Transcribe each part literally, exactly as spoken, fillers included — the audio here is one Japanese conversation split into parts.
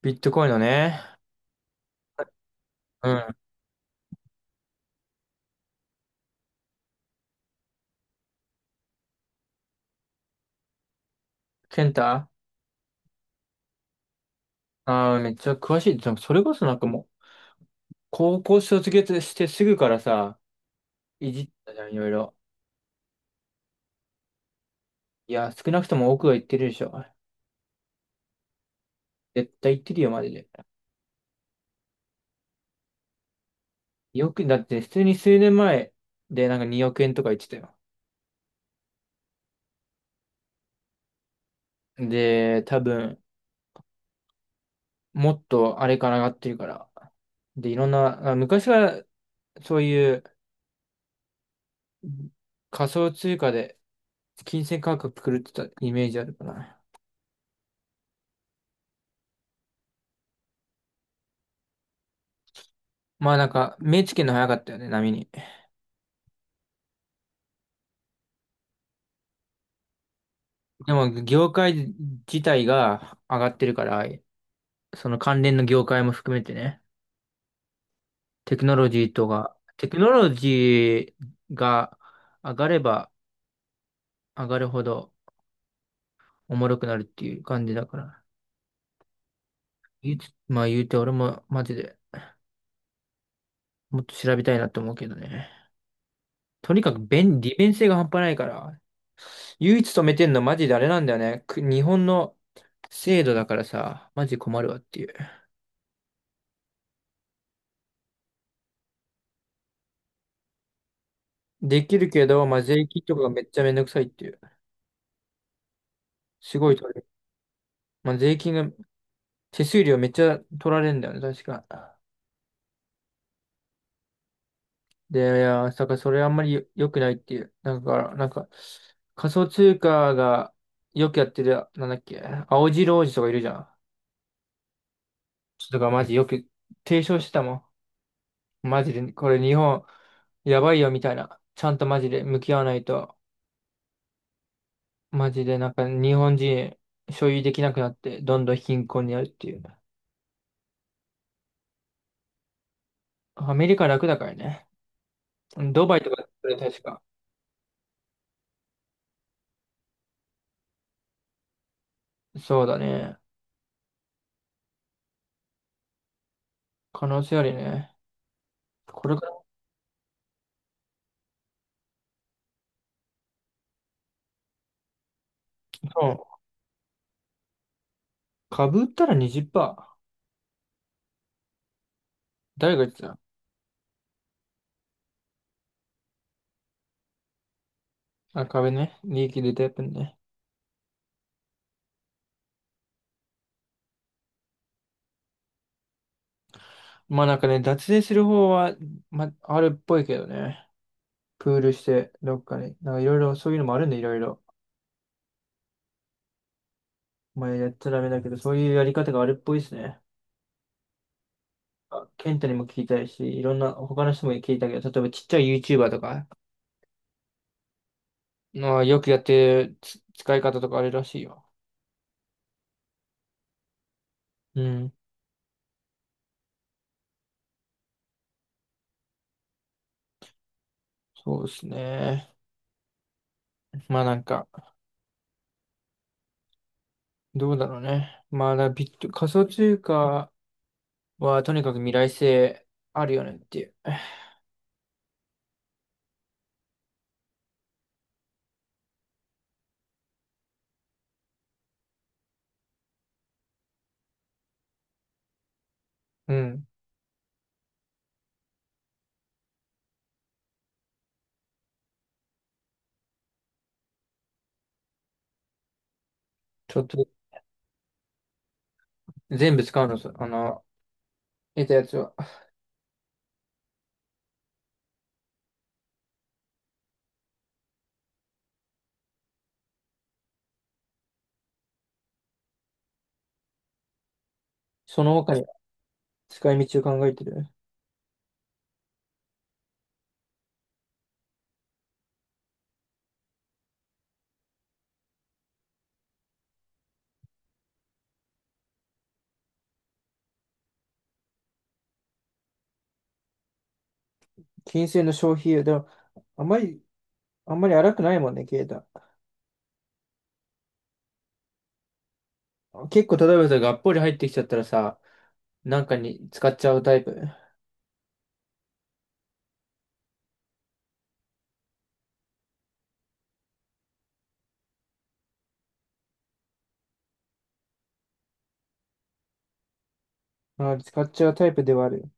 ビットコインのね。うん。ケンタ。ああー、めっちゃ詳しい。でもそれこそなんかもう、高校卒業してすぐからさ、いじったじゃん、いろいろ。いや、少なくとも奥は言ってるでしょ。絶対言ってるよ、マジで。よく、だって普通に数年前でなんかにおく円とか言ってたよ。で、多分、もっとあれから上がってるから。で、いろんな、あ昔からそういう仮想通貨で金銭価格狂ってたイメージあるかな。まあなんか、目つけるの早かったよね、波に。でも、業界自体が上がってるから、その関連の業界も含めてね、テクノロジーとか、テクノロジーが上がれば上がるほどおもろくなるっていう感じだから。言うつまあ言うて俺もマジでもっと調べたいなと思うけどね。とにかく便、利便性が半端ないから、唯一止めてんのマジであれなんだよね。く日本の制度だからさ、マジ困るわっていう。できるけど、まあ税金とかがめっちゃめんどくさいっていう。すごいとまあ、税金が、手数料めっちゃ取られるんだよね、確か。で、いや、だからそれあんまりよ良くないっていう。なんか、なんか、仮想通貨がよくやってる、なんだっけ、青白王子とかいるじゃん。ちょっとマジよく提唱してたもん。マジで、これ日本、やばいよみたいな。ちゃんとマジで向き合わないと、マジでなんか日本人所有できなくなって、どんどん貧困になるっていう。アメリカ楽だからね。ドバイとか、確か。そうだね。可能性あるね。これが、そう。株売ったらにじゅっパーセント。誰が言ってた？あ、株ね。利益出たやつね。まあなんかね、脱税する方は、まあ、あるっぽいけどね。プールして、どっかに。なんかいろいろ、そういうのもあるんで、いろいろ。まあやっちゃダメだけど、そういうやり方があるっぽいですね。あケンタにも聞いたいし、いろんな、他の人も聞いたけど、例えばちっちゃい YouTuber とか、まあ、よくやってるつ使い方とかあるらしいよ。うん。そうですね。まあなんか、どうだろうね。まあだビット、仮想通貨、は、とにかく未来性あるよねっていう。うん。ちょっと、全部使うのさ、あの、得たやつは。その他に使い道を考えてる。金銭の消費でも、あんまり、あんまり荒くないもんね、ケイタ。結構、例えばさ、がっぽり入ってきちゃったらさ、なんかに使っちゃうタイプ。あ、使っちゃうタイプではある。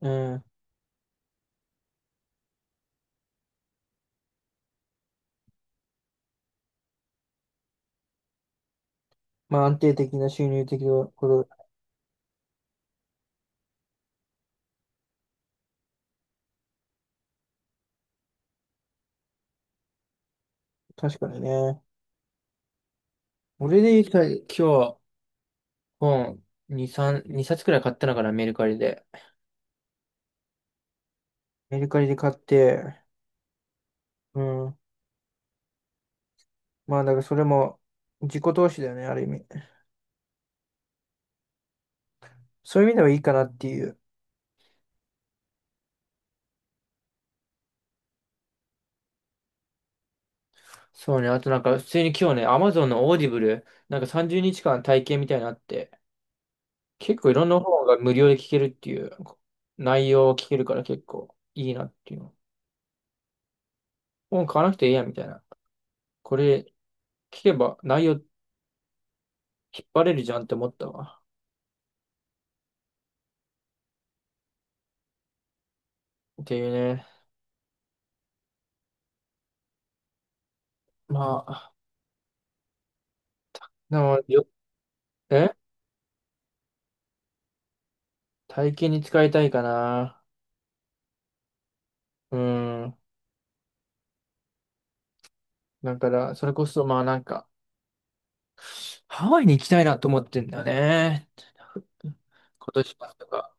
うん。まあ、安定的な収入的なこと、確かにね。俺で言ったら、今日、本、に、さん、にさつくらい買ったのかな、メルカリで。メルカリで買って、うん。まあ、だからそれも自己投資だよね、ある意味。そういう意味ではいいかなっていう。そうね。あとなんか、普通に今日ね、Amazon のオーディブル、なんかさんじゅうにちかん体験みたいなのあって、結構いろんな本が無料で聞けるっていう、こ内容を聞けるから結構いいなっていうの。本買わなくていいやみたいな。これ聞けば内容引っ張れるじゃんって思ったわ。っていうね。まあ、でも、よ、え体験に使いたいかな。うん。だから、それこそまあなんか、ハワイに行きたいなと思ってんだよね。今年末とか。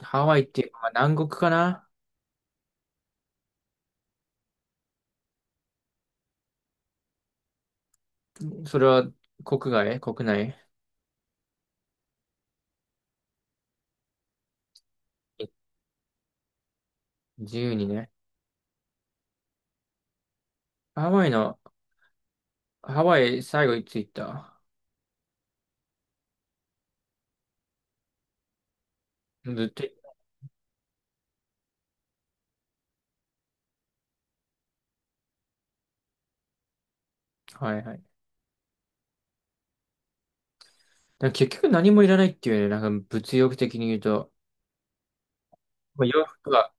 ハワイっていうか、まあ南国かな。それは国外国内？え自由にね。ハワイの、ハワイ最後いつ行った？ずっと行った。はいはい。だから結局何もいらないっていうね、なんか物欲的に言うと、まあ、洋服が、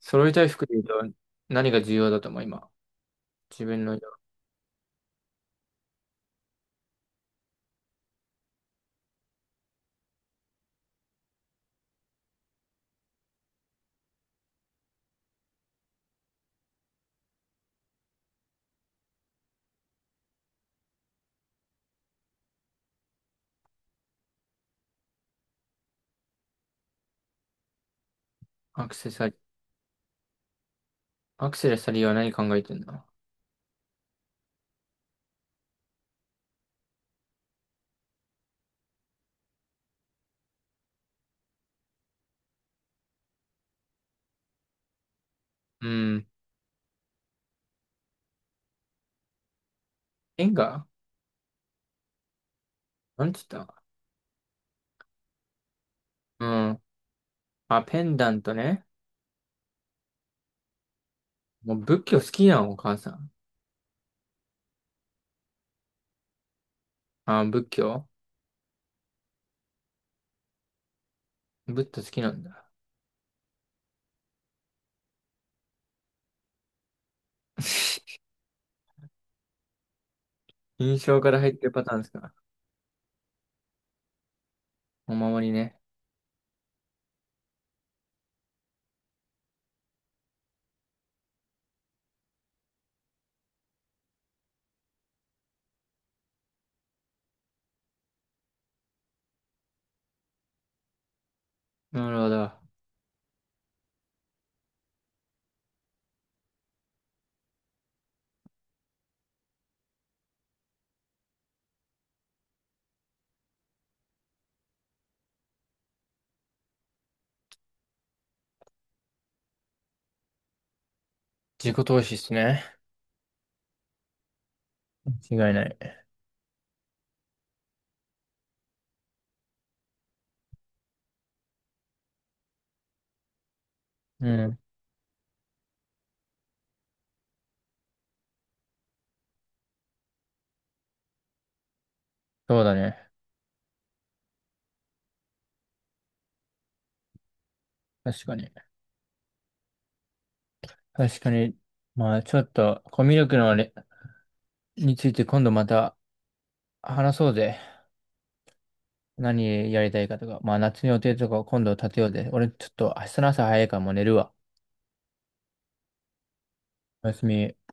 揃いたい服で言うと何が重要だと思う、今。自分の。アクセサリー、アクセサリーは何考えてんの？うん。ペンがなんつった？うん。まあ、ペンダントね。もう仏教好きなのお母さん。あー仏教。仏教好きなんだ。印象から入ってるパターンですか。お守りね。なるほど。自己投資っすね。間違いない。うん。そうだね。確かに。確かに。まあ、ちょっと、コミュ力のあれについて今度また話そうぜ。何やりたいかとか。まあ、夏の予定とかを今度立てようぜ。俺ちょっと明日の朝早いからもう寝るわ。おやすみ。